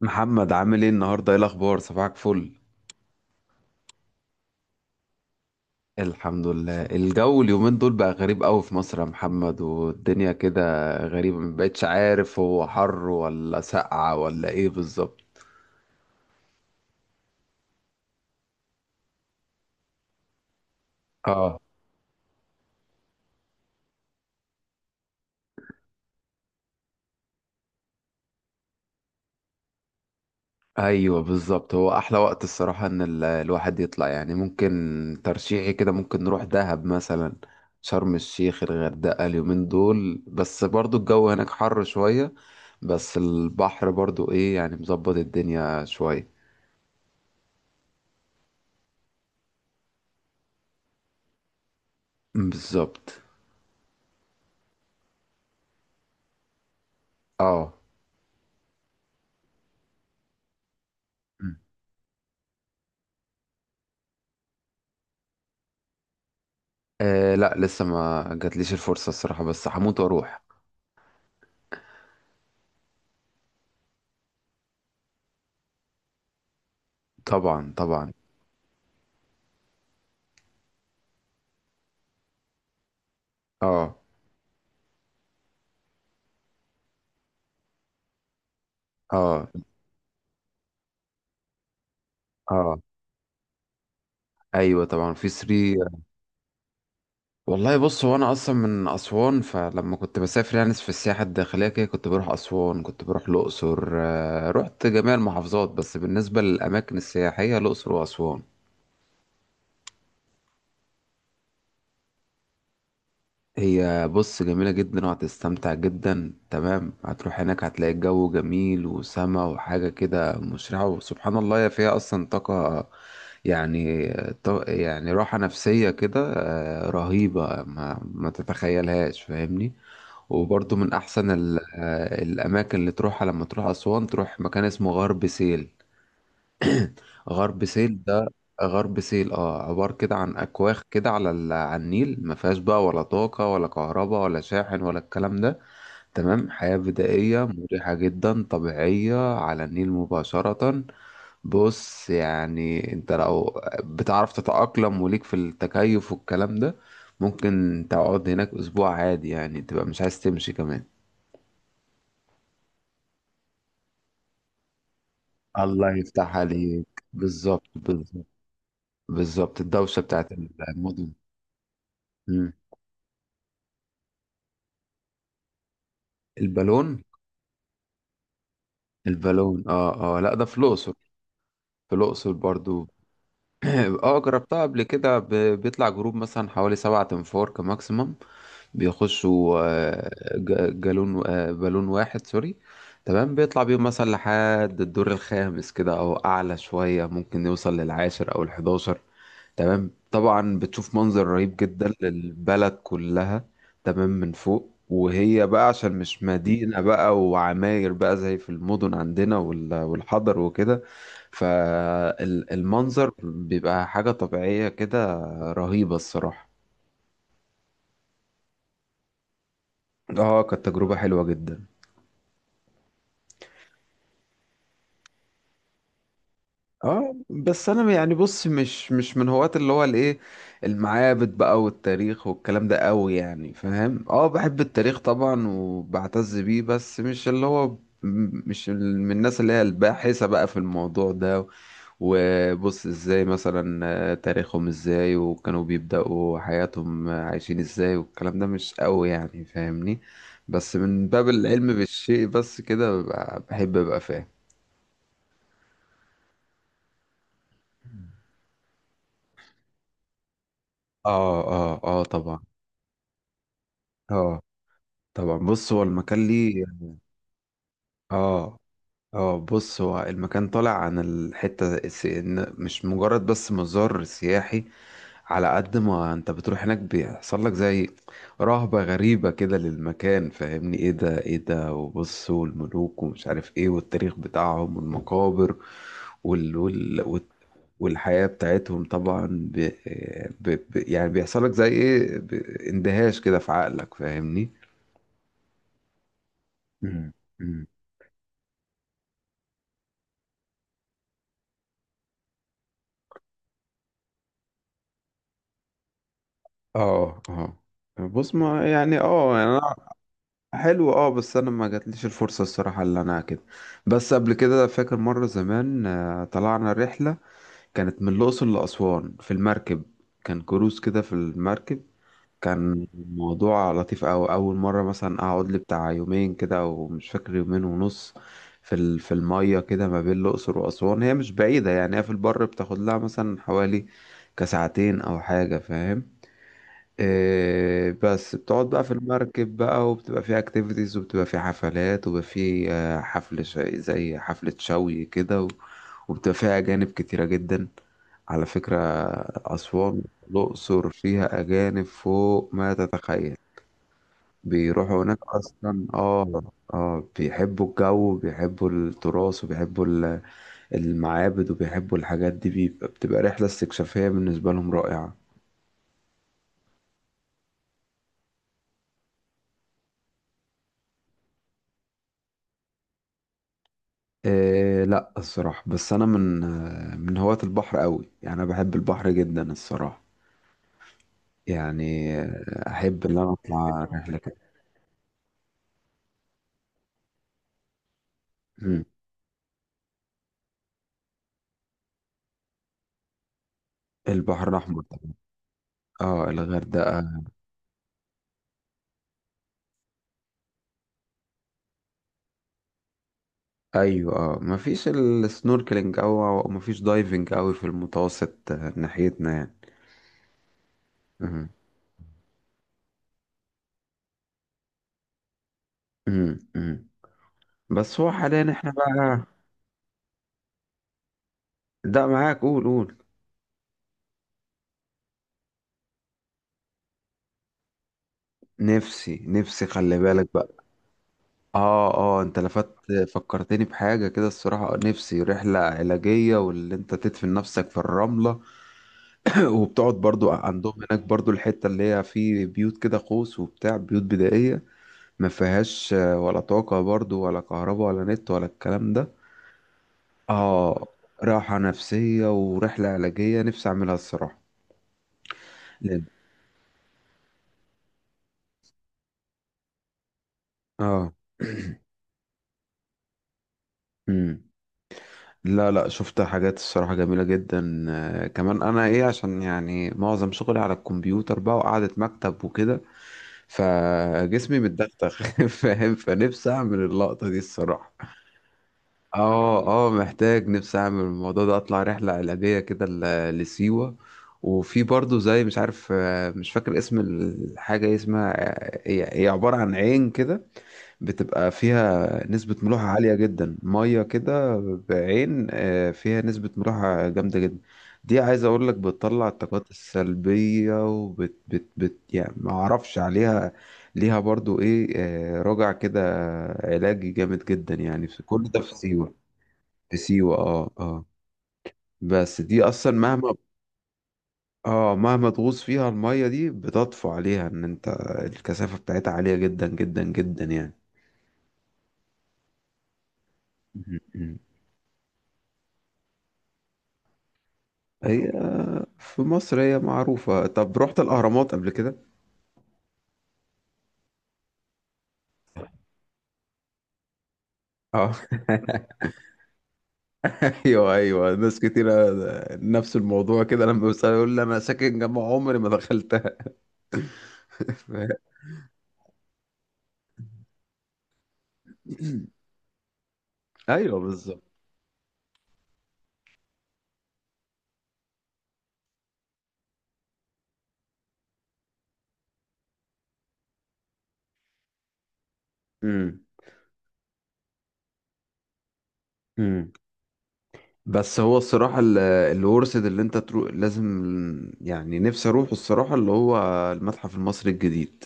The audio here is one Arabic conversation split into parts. محمد، عامل ايه النهارده؟ ايه الاخبار؟ صباحك فل. الحمد لله. الجو اليومين دول بقى غريب قوي في مصر يا محمد، والدنيا كده غريبه، ما بقتش عارف هو حر ولا سقعه ولا ايه بالظبط. اه، ايوه بالظبط. هو احلى وقت الصراحه ان الواحد يطلع، يعني ممكن ترشيحي كده، ممكن نروح دهب مثلا، شرم الشيخ، الغردقه اليومين دول، بس برضو الجو هناك حر شويه، بس البحر برضو ايه يعني، مظبط الدنيا شويه. بالظبط. اه. مم. آه، لا لسه ما جاتليش الفرصة الصراحة، بس هموت واروح. طبعا طبعا. اه اه اه. ايوه طبعا في سري. والله بص، هو انا اصلا من اسوان، فلما كنت بسافر يعني في السياحة الداخلية كده كنت بروح اسوان، كنت بروح الاقصر، رحت جميع المحافظات، بس بالنسبة للاماكن السياحية الاقصر واسوان. هي بص جميلة جدا، وهتستمتع جدا تمام، هتروح هناك هتلاقي الجو جميل وسما وحاجة كده مشرقة، وسبحان الله هي فيها أصلا طاقة، يعني طاقة، يعني راحة نفسية كده، رهيبة ما تتخيلهاش، فاهمني؟ وبرضو من أحسن الأماكن اللي تروحها لما تروح أسوان، تروح مكان اسمه غرب سهيل. غرب سهيل ده. غرب سهيل، اه، عبارة كده عن أكواخ كده على على النيل، ما فيهاش بقى ولا طاقة ولا كهرباء ولا شاحن ولا الكلام ده، تمام، حياة بدائية مريحة جدا طبيعية على النيل مباشرة. بص يعني انت لو بتعرف تتأقلم وليك في التكيف والكلام ده، ممكن تقعد هناك أسبوع عادي، يعني تبقى مش عايز تمشي كمان. الله يفتح عليك. بالظبط بالظبط. بالظبط، الدوشة بتاعت المدن. البالون. البالون اه اه، لا ده في الاقصر، في الاقصر برضو. اه، جربتها قبل كده، بيطلع جروب مثلا حوالي 7 انفار كماكسيمم، بيخشوا جالون آه، بالون واحد، سوري، تمام، بيطلع بيهم مثلا لحد الدور الخامس كده، او اعلى شوية ممكن يوصل للعاشر او الحداشر، تمام، طبعا بتشوف منظر رهيب جدا للبلد كلها، تمام، من فوق، وهي بقى عشان مش مدينة بقى وعماير بقى زي في المدن عندنا والحضر وكده، فالمنظر بيبقى حاجة طبيعية كده رهيبة الصراحة. اه، كانت تجربة حلوة جدا. اه بس انا يعني بص، مش من هواة اللي هو الايه، المعابد بقى والتاريخ والكلام ده قوي، يعني فاهم؟ اه، بحب التاريخ طبعا، وبعتز بيه، بس مش اللي هو م- مش ال- من الناس اللي هي الباحثة بقى في الموضوع ده، وبص ازاي مثلا، تاريخهم ازاي، وكانوا بيبدأوا حياتهم عايشين ازاي، والكلام ده مش قوي يعني، فاهمني؟ بس من باب العلم بالشيء بس كده، بحب ابقى فاهم. اه اه اه طبعا. اه طبعا، بص هو المكان ليه. اه اه، بص هو المكان طالع عن الحتة إن مش مجرد بس مزار سياحي، على قد ما انت بتروح هناك بيحصل لك زي رهبة غريبة كده للمكان، فاهمني؟ ايه ده، ايه ده، وبص، والملوك، ومش عارف ايه، والتاريخ بتاعهم والمقابر، وال وال وال- والحياة بتاعتهم طبعا، ب... يعني بيحصل لك زي ايه، اندهاش كده في عقلك، فاهمني؟ مم. اه اه، بص ما يعني اه يعني انا، حلو اه، بس انا ما جاتليش الفرصه الصراحه اللي انا كده، بس قبل كده فاكر مره زمان، طلعنا رحله كانت من الاقصر لاسوان في المركب، كان كروز كده في المركب، كان الموضوع لطيف أوي، اول مره مثلا اقعد لي بتاع يومين كده، او مش فاكر، يومين ونص، في في الميه كده ما بين الاقصر واسوان، هي مش بعيده يعني، هي في البر بتاخد لها مثلا حوالي كساعتين او حاجه، فاهم؟ إيه، بس بتقعد بقى في المركب بقى، وبتبقى فيه اكتيفيتيز، وبتبقى فيه حفلات، وبيبقى فيه زي حفلة شوي كده، وبتبقى فيها أجانب كتيرة جدا على فكرة. أسوان، الأقصر فيها أجانب فوق ما تتخيل، بيروحوا هناك أصلا، آه. آه، بيحبوا الجو، وبيحبوا التراث، وبيحبوا المعابد، وبيحبوا الحاجات دي، بتبقى رحلة استكشافية بالنسبة لهم رائعة. إيه لا الصراحة، بس أنا من من هواة البحر قوي، يعني أنا بحب البحر جدا الصراحة، يعني أحب إن أنا أطلع رحلة كده. مم. البحر الأحمر طبعا. اه، الغردقة. أيوة اه، مفيش السنوركلينج أو أو مفيش دايفنج أوي في المتوسط، ناحيتنا يعني. مم. مم. مم. بس هو حاليا احنا بقى، ده معاك، قول قول. نفسي نفسي، خلي بالك. اه اه، انت لفت، فكرتني بحاجة كده الصراحة، نفسي رحلة علاجية، واللي انت تدفن نفسك في الرملة. وبتقعد برضو عندهم هناك برضو، الحتة اللي هي في بيوت كده قوس وبتاع، بيوت بدائية ما فيهاش ولا طاقة برضو ولا كهرباء ولا نت ولا الكلام ده. اه، راحة نفسية ورحلة علاجية نفسي اعملها الصراحة. لأن- اه. مم. لا لا، شفت حاجات الصراحة جميلة جدا، كمان أنا إيه، عشان يعني معظم شغلي على الكمبيوتر بقى، وقعدة مكتب وكده، فجسمي متدغدغ. فاهم، فنفسي أعمل اللقطة دي الصراحة. اه اه محتاج، نفسي أعمل الموضوع ده، أطلع رحلة علاجية كده لسيوة. وفي برضه زي مش عارف مش فاكر اسم الحاجة إيه اسمها، هي هي عبارة عن عين كده بتبقى فيها نسبة ملوحة عالية جدا، مية كده، بعين فيها نسبة ملوحة جامدة جدا. دي عايز اقول لك بتطلع الطاقات السلبية، وبت بت بت يعني ما اعرفش عليها، ليها برضو ايه، راجع كده، علاجي جامد جدا يعني، في كل ده في سيوة. في سيوة اه اه. بس دي اصلا مهما، اه مهما تغوص فيها، المية دي بتطفو عليها، ان انت الكثافة بتاعتها عالية جدا جدا جدا يعني. مم. هي في مصر هي معروفة. طب رحت الأهرامات قبل كده؟ اه. ايوه ايوه، ناس كتيرة نفس الموضوع كده، لما بيسأل يقول لي، انا ساكن جنب عمري ما دخلتها. ف... ايوه بالظبط. امم امم بس هو الصراحة اللي ورثت اللي انت تروح لازم، يعني نفسي اروح الصراحة اللي هو المتحف المصري الجديد.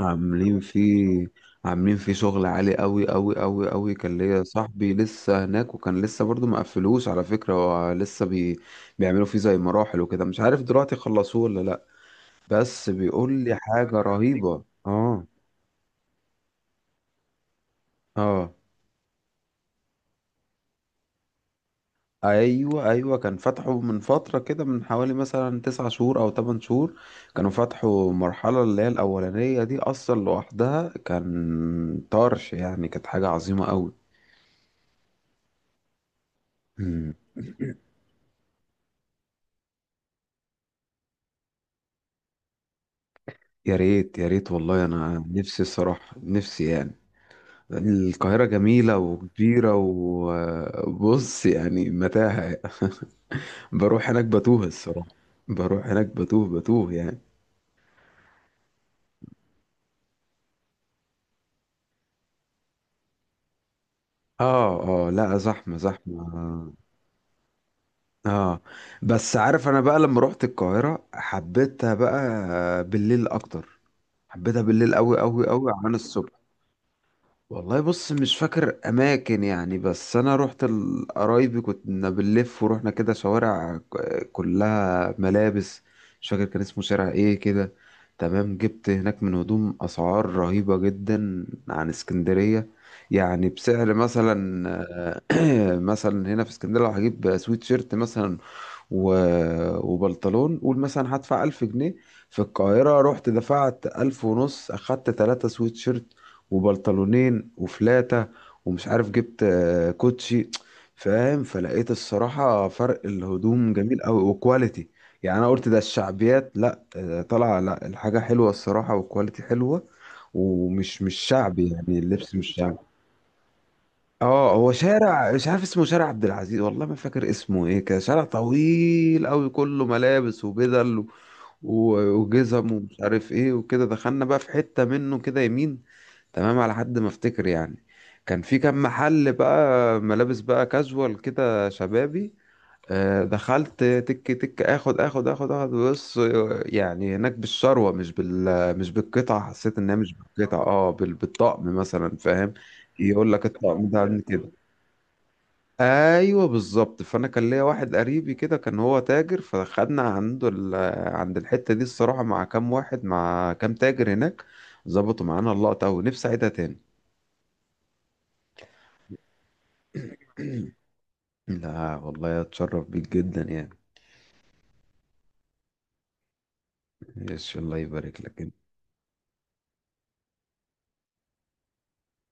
عاملين فيه، عاملين فيه شغل عالي قوي قوي قوي قوي، كان ليا صاحبي لسه هناك، وكان لسه برضو ما قفلوش على فكرة، هو لسه بيعملوا فيه زي مراحل وكده، مش عارف دلوقتي خلصوه ولا لا، بس بيقول لي حاجة رهيبة اه. اه ايوه ايوه، كان فتحوا من فترة كده، من حوالي مثلا 9 شهور او 8 شهور، كانوا فتحوا مرحلة اللي هي الأولانية دي أصلا لوحدها، كان طرش، يعني كانت حاجة عظيمة قوي. يا ريت يا ريت، والله انا نفسي الصراحه، نفسي يعني. القاهره جميله وكبيره، وبص يعني متاهه. بروح هناك بتوه الصراحه، بروح هناك بتوه بتوه يعني. اه اه، لا زحمه زحمه. اه، بس عارف، انا بقى لما روحت القاهره حبيتها بقى بالليل اكتر، حبيتها بالليل قوي قوي قوي عن الصبح. والله بص مش فاكر اماكن يعني، بس انا رحت قرايبي كنا بنلف، ورحنا كده شوارع كلها ملابس، مش فاكر كان اسمه شارع ايه كده. تمام، جبت هناك من هدوم اسعار رهيبة جدا عن اسكندرية، يعني بسعر مثلا، مثلا هنا في اسكندرية لو هجيب سويت شيرت مثلا و... وبنطلون، قول مثلا هدفع 1000 جنيه. في القاهرة رحت دفعت 1500، أخدت 3 سويت شيرت وبنطلونين وفلاتة، ومش عارف جبت كوتشي، فاهم؟ فلقيت الصراحة فرق الهدوم جميل أوي وكواليتي، يعني أنا قلت ده الشعبيات لأ، طالعة لأ، الحاجة حلوة الصراحة وكواليتي حلوة، ومش مش شعبي يعني، اللبس مش شعبي. اه، هو شارع مش عارف اسمه، شارع عبد العزيز، والله ما فاكر اسمه ايه كده، شارع طويل قوي كله ملابس وبدل وجزم ومش عارف ايه وكده. دخلنا بقى في حتة منه كده يمين، تمام، على حد ما افتكر يعني كان في كام محل بقى ملابس بقى كاجوال كده شبابي، دخلت تك تك، اخد اخد اخد اخد، بص، يعني هناك بالشروة، مش بالقطع، حسيت انها مش بالقطع، اه بالطقم مثلا فاهم، يقول لك الطقم ده عامل كده. ايوه بالظبط، فانا كان ليا واحد قريبي كده كان هو تاجر، فخدنا عنده عند الحته دي الصراحه، مع كام واحد، مع كام تاجر هناك، ظبطوا معانا اللقطه، ونفسي اعيدها تاني. لا والله اتشرف بيك جدا يعني. يش، الله يبارك لك انت.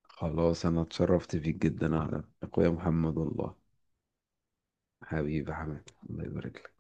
خلاص انا اتشرفت بيك جدا يا اخويا محمد والله. حبيبي يا حماد، الله يبارك لك.